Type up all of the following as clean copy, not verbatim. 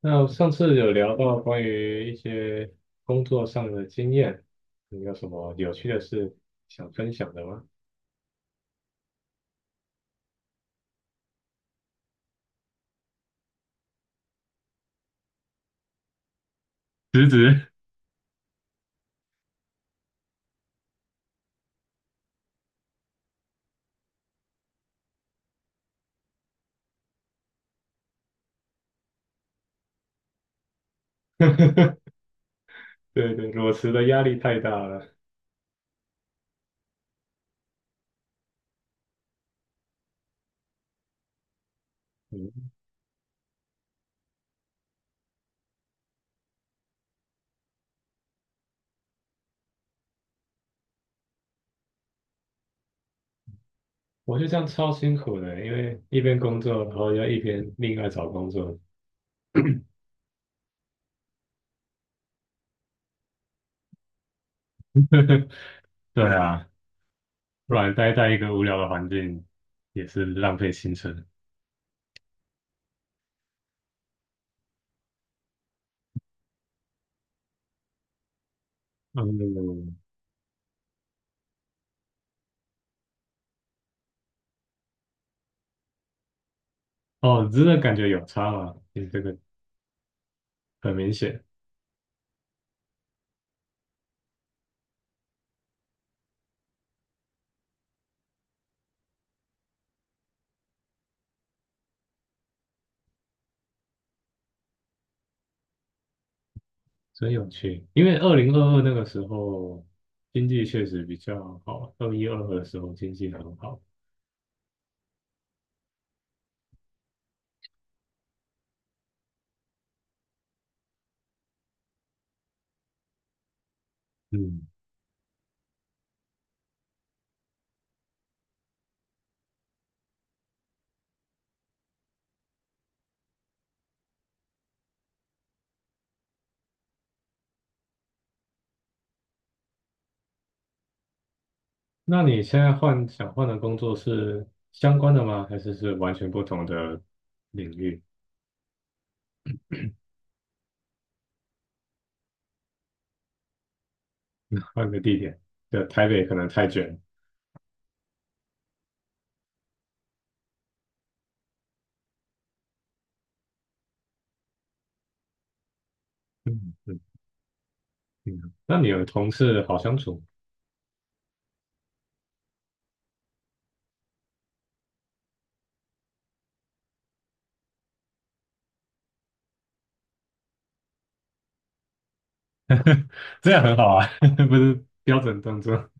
那上次有聊到关于一些工作上的经验，你有什么有趣的事想分享的吗？辞职，对对，裸辞的压力太大了。嗯，我就这样超辛苦的，因为一边工作，然后要一边另外找工作。对啊，不然待在一个无聊的环境也是浪费青春。嗯，哦，真的感觉有差吗？你这个很明显。真有趣，因为2022那个时候经济确实比较好，21、22的时候经济很好。嗯，那你现在想换的工作是相关的吗？还是完全不同的领域？换个地点，对，台北可能太卷了。嗯嗯嗯，那你的同事好相处？这样很好啊，不是标准动作。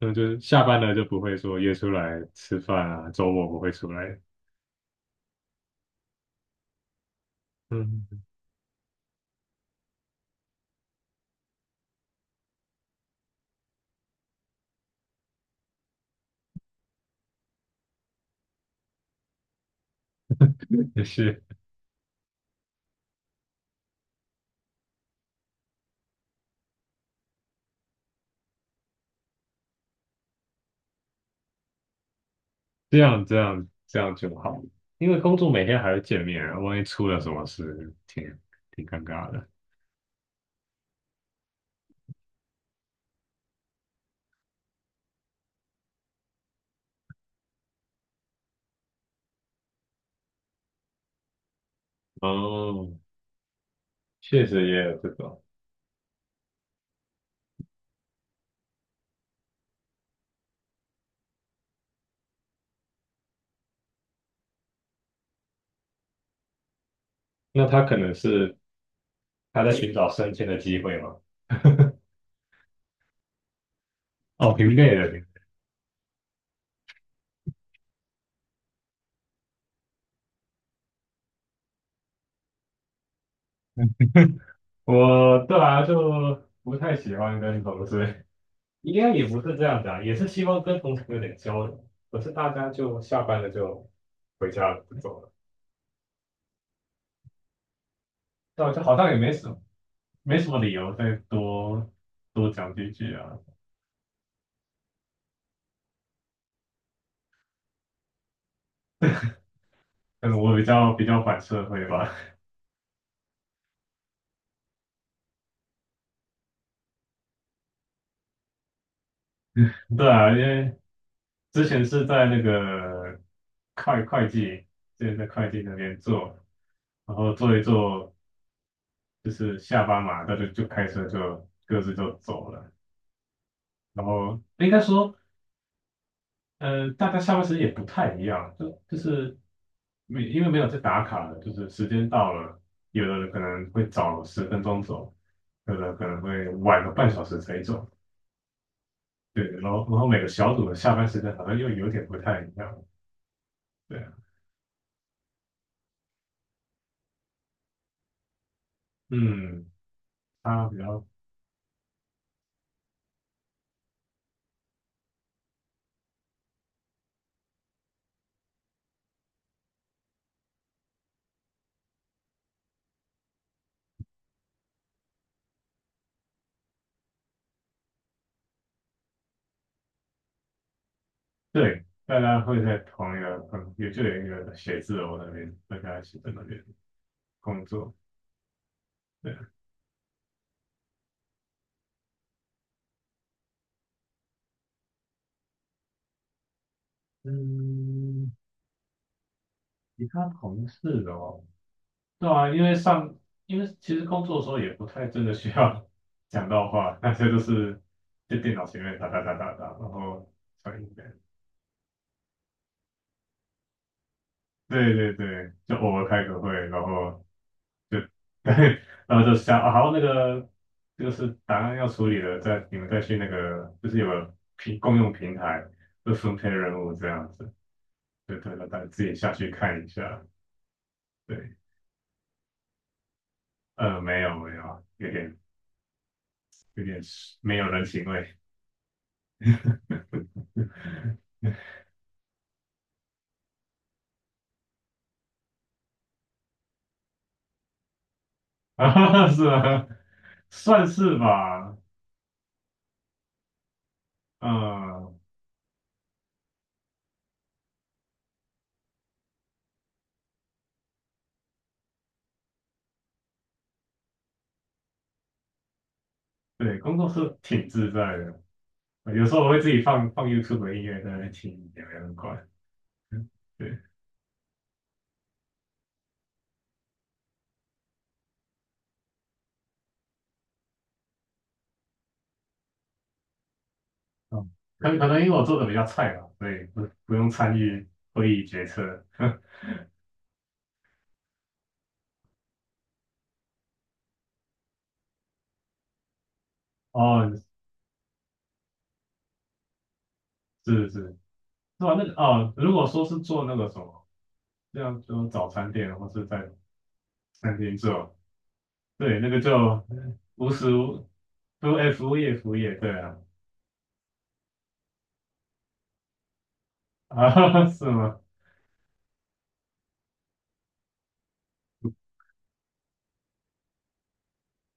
嗯，就是下班了就不会说约出来吃饭啊，周末不会出来。嗯，也是。这样这样这样就好，因为工作每天还会见面，万一出了什么事，挺尴尬的。哦，确实也有这种。那他可能是他在寻找升迁的机会嘛？哦，平辈的，嗯我对啊，就不太喜欢跟同事，应该也不是这样讲，也是希望跟同事有点交流。可是大家就下班了就回家了，不走了，那我就好像也没什么理由再多多讲几句啊。可能我比较反社会吧。对啊，因为之前是在那个会计，之前在会计那边做，然后做一做，就是下班嘛，大家就开车就各自就走了。然后应该说，大家下班时间也不太一样，就是没因为没有在打卡的就是时间到了，有的人可能会早10分钟走，有的可能会晚个半小时才走。对，然后每个小组的下班时间好像又有点不太一样。对啊。嗯，他比较对，大家会在同一个也就有一个写字楼那边，大家一起在那边工作。对啊。嗯，其他同事哦，对啊，因为其实工作的时候也不太真的需要 讲到话，那些都是在电脑前面打打打打打，然后传音乐。对对对，就偶尔开个会，然后对，然后就想，啊好，那个就是档案要处理了，你们再去那个，就是有个共用平台，就分配任务这样子，对对大家自己下去看一下，对，没有没有，有点没有人情味。啊，是啊，算是吧。嗯，对，工作是挺自在的，有时候我会自己放放 YouTube 的音乐在那边听，也没人管，对。嗯，可能因为我做的比较菜吧，所以不用参与会议决策。哦，是是，是吧？那个哦，如果说是做那个什么，像样就早餐店或是在餐厅做，对，那个就无时无都哎服务业服务业，对啊，啊 是吗？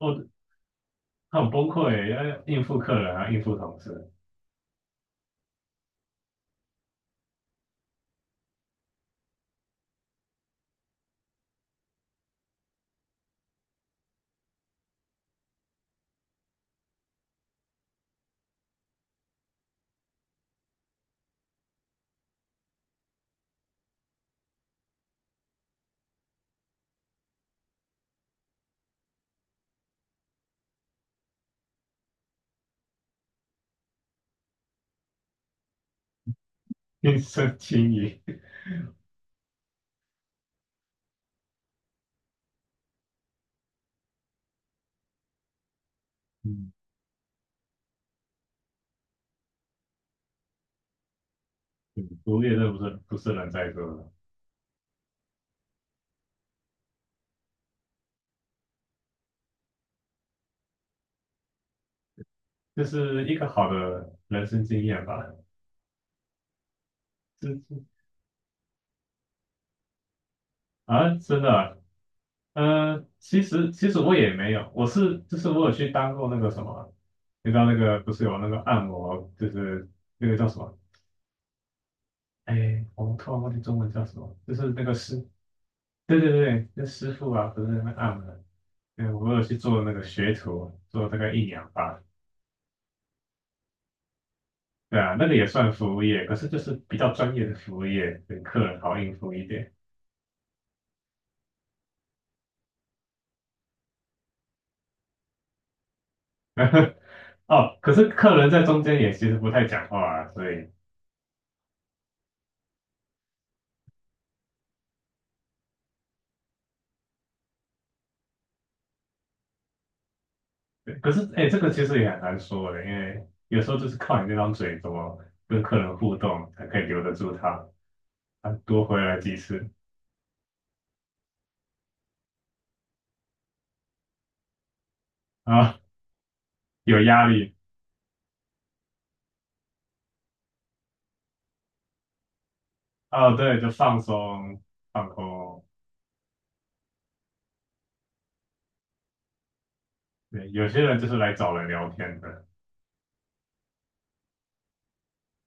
我很崩溃，要应付客人啊，应付同事，应身轻易。嗯，对服务业这不是不是人在做的，就是一个好的人生经验吧。啊，真的啊。其实我也没有，我是就是我有去当过那个什么，你知道那个不是有那个按摩，就是那个叫什么？哎，我突然忘记中文叫什么，就是那个师，对对对，那师傅啊，不是那个按摩，对，我有去做那个学徒，做大概1年吧，对啊，那个也算服务业，可是就是比较专业的服务业，对客人好应付一点。哦，可是客人在中间也其实不太讲话啊，所以对，可是哎、这个其实也很难说的，因为有时候就是靠你那张嘴怎么跟客人互动才可以留得住他，他多回来几次啊，有压力哦，对，就放松放空，对，有些人就是来找人聊天的，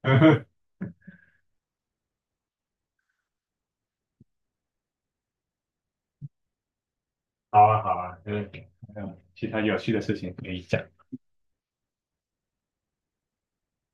好啊好啊，就还有其他有趣的事情可以讲，